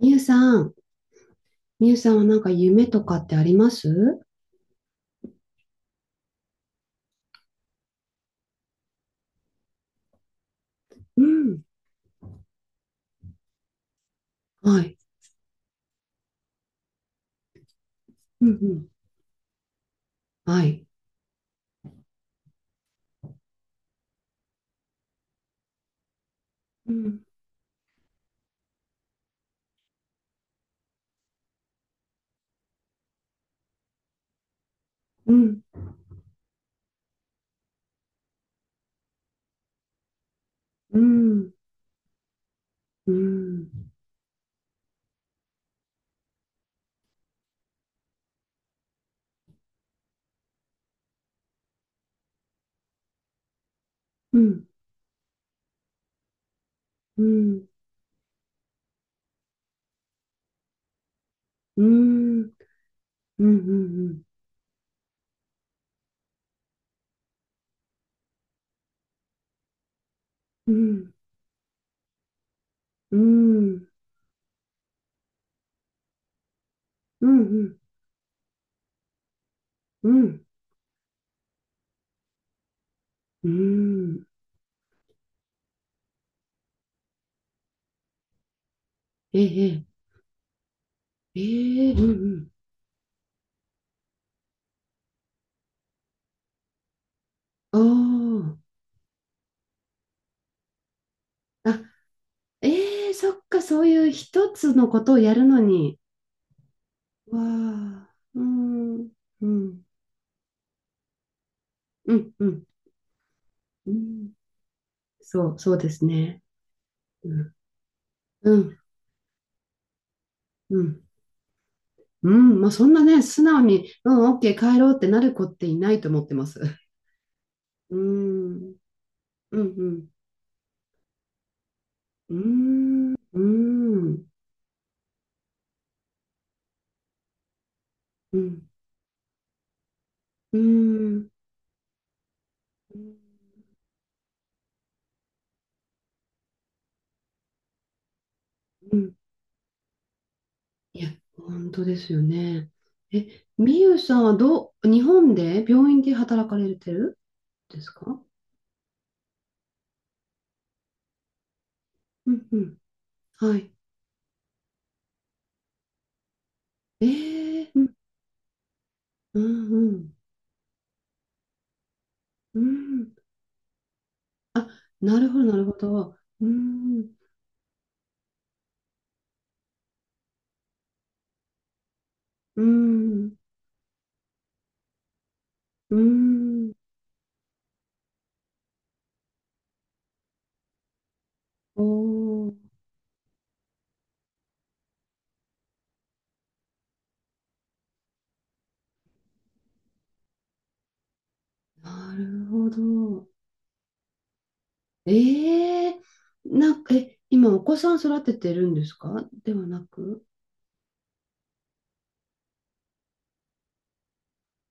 みゆさん、みゆさんはなんか夢とかってあります？うん。はい。うんうん。はい。うん。うん。うん。うん。うん。うん。うん。うん。うん。うん。うん。うん。うん。うん。ええ。ええ。うん。うん。ああ。あ、ええ、そっか、そういう一つのことをやるのに。わあ。うん。うん。うん。うん。うん。そう、そうですね。うん。うん。うん。まあ、そんなね、素直に、うん、オッケー、帰ろうってなる子っていないと思ってます。うん。うん、うん。うん。うん。うん。うん。うん。いや、本当ですよね。え、みゆさんはどう、日本で病院で働かれてるんですか？うんうん。はい。ええうん。うんうん。うん。あ、なるほど、なるほど。うん。うん。うん。おー。なるほど。ええ、なんか、え、今お子さん育ててるんですかではなく。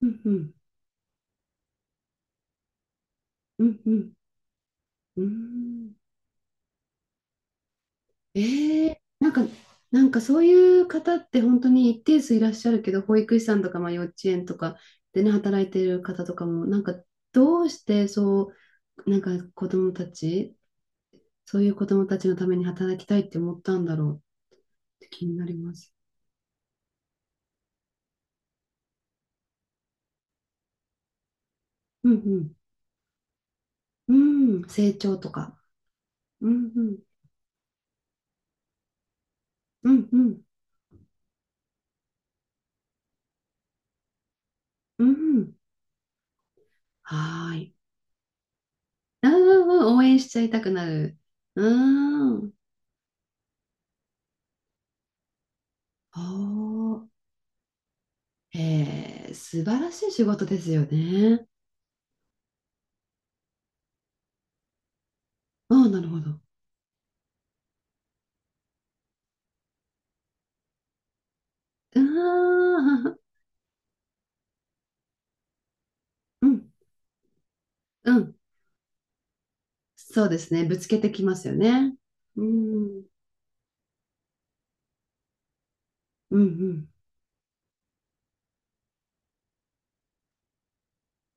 うんうん、うんうん、うーん。ええ、なんかそういう方って本当に一定数いらっしゃるけど、保育士さんとか、まあ、幼稚園とかでね、働いてる方とかも、なんか、どうしてそう、なんか子供たち、そういう子供たちのために働きたいって思ったんだろうって気になります。うんうん、うん、成長とか。うんうんうんうん。うん。はーい。うんうんうん、応援しちゃいたくなる。うーん。おー。えー、素晴らしい仕事ですよね。ああ、なるほど。うーん。うん。うん。そうですね。ぶつけてきますよね。うん。うんうん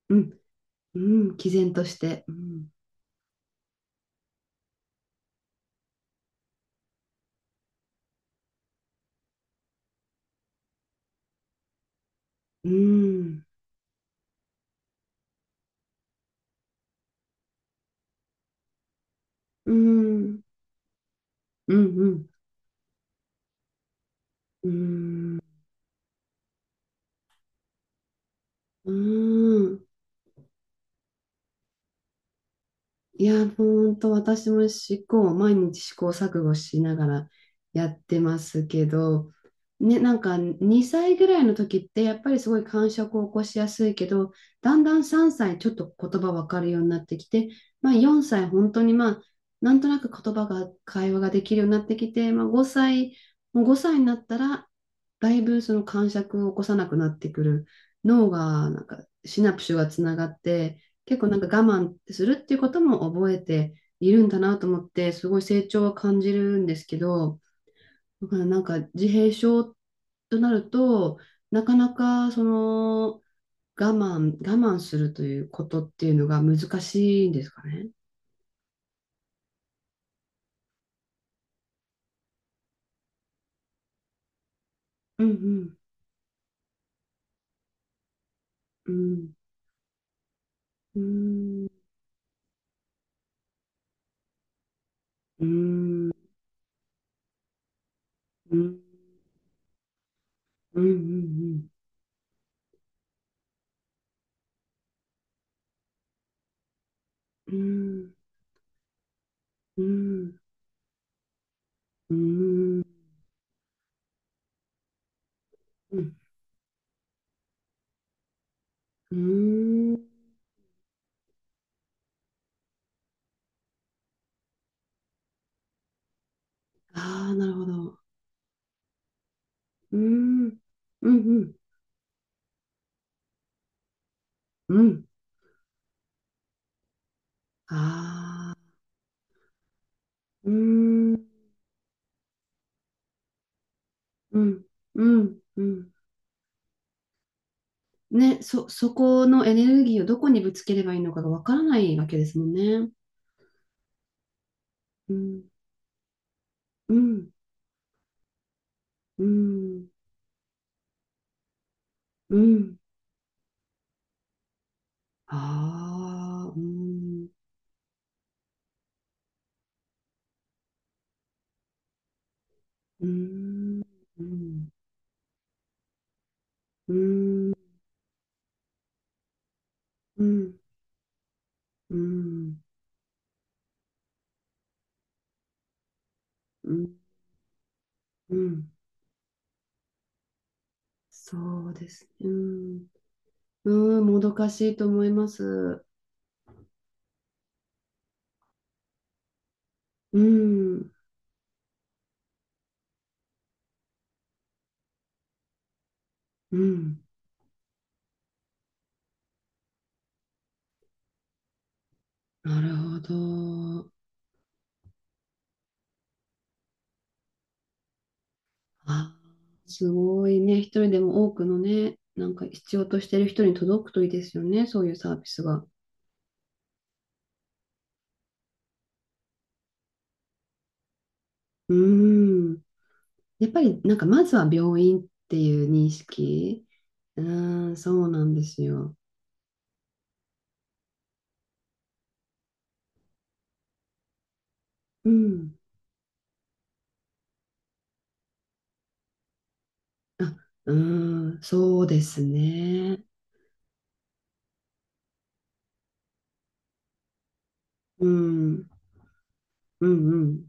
うん。うん。毅然として。うん。うん。うん。うんうん。うん。うん。いや、本当私も毎日試行錯誤しながらやってますけど、ね、なんか2歳ぐらいの時ってやっぱりすごい感触を起こしやすいけど、だんだん3歳ちょっと言葉わかるようになってきて、まあ4歳本当にまあ、なんとなく言葉が、会話ができるようになってきて、まあ5歳、もう5歳になったら、だいぶその感触を起こさなくなってくる。脳がなんかシナプスがつながって、結構なんか我慢するっていうことも覚えているんだなと思って、すごい成長は感じるんですけど、だからなんか自閉症となると、なかなかその我慢するということっていうのが難しいんですかね。うんうん。うん。うん。うん。うん。うん。うん。うん。うん。うん。ああ、なるほど。うん。うん。うん。うん。ああ。うーん、うん、うん、うん。ね、そこのエネルギーをどこにぶつければいいのかがわからないわけですもんね。うん、うん、うん、うん。ああ、うん、うん、うん、うん、うん、うん、うん、うん。そうですね。うん、うん、もどかしいと思います。うん、うん。なるほど。あー、すごいね。一人でも多くのね、なんか必要としてる人に届くといいですよね。そういうサービスが。うーん。やっぱりなんかまずは病院っていう認識。うーん、そうなんですよ。うん。あ、うーん、そうですね。うん、うん、うん、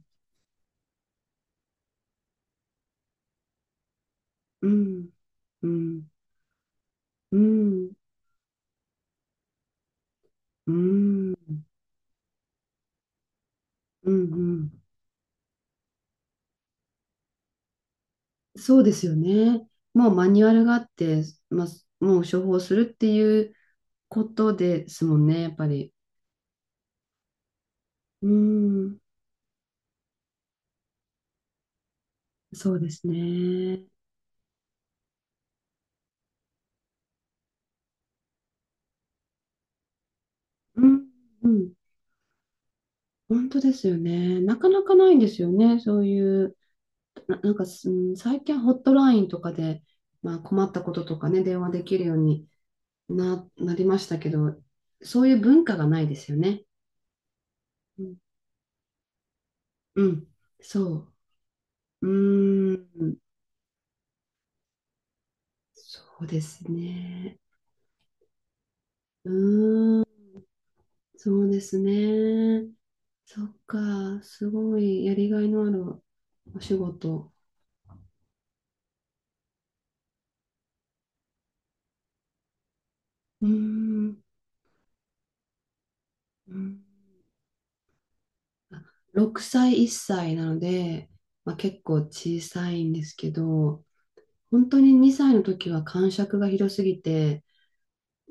うん、うん、うん、うん、うん。そうですよね。もうマニュアルがあって、まあ、もう処方するっていうことですもんね、やっぱり。うーん、そうですね。うん、うん、本当ですよね。なかなかないんですよね、そういう、なんか、すうん最近ホットラインとかで、まあ、困ったこととかね、電話できるようになりましたけど、そういう文化がないですよね。うん、うんそう。うーん、そうですね。そうですね。そっか、すごいやりがいのあるお仕事。うーん、うん。あ、6歳、1歳なので、まあ、結構小さいんですけど、本当に2歳の時は感触が広すぎて、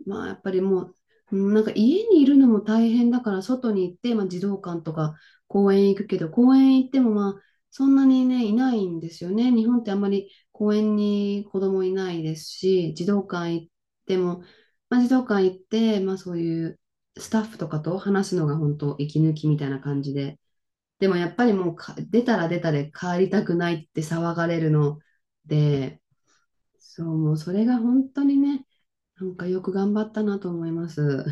まあ、やっぱりもう、なんか家にいるのも大変だから、外に行って、まあ、児童館とか公園行くけど、公園行っても、まあ、そんなにね、いないんですよね。日本ってあんまり公園に子供いないですし、児童館行っても、まあ、児童館行って、まあ、そういうスタッフとかと話すのが本当息抜きみたいな感じで。でもやっぱりもうか出たら出たで帰りたくないって騒がれるので、そう、もうそれが本当にね、なんかよく頑張ったなと思います。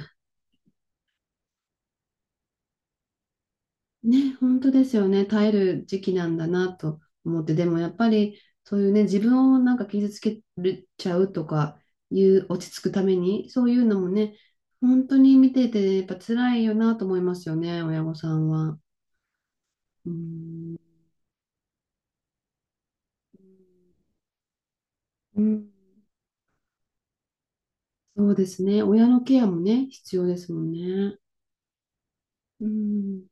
ね、本当ですよね。耐える時期なんだなと思って、でもやっぱりそういうね、自分をなんか傷つけるちゃうとかいう、落ち着くために、そういうのもね、本当に見ててやっぱ辛いよなと思いますよね、親御さんは。うん、うん。そうですね。親のケアもね、必要ですもんね。うん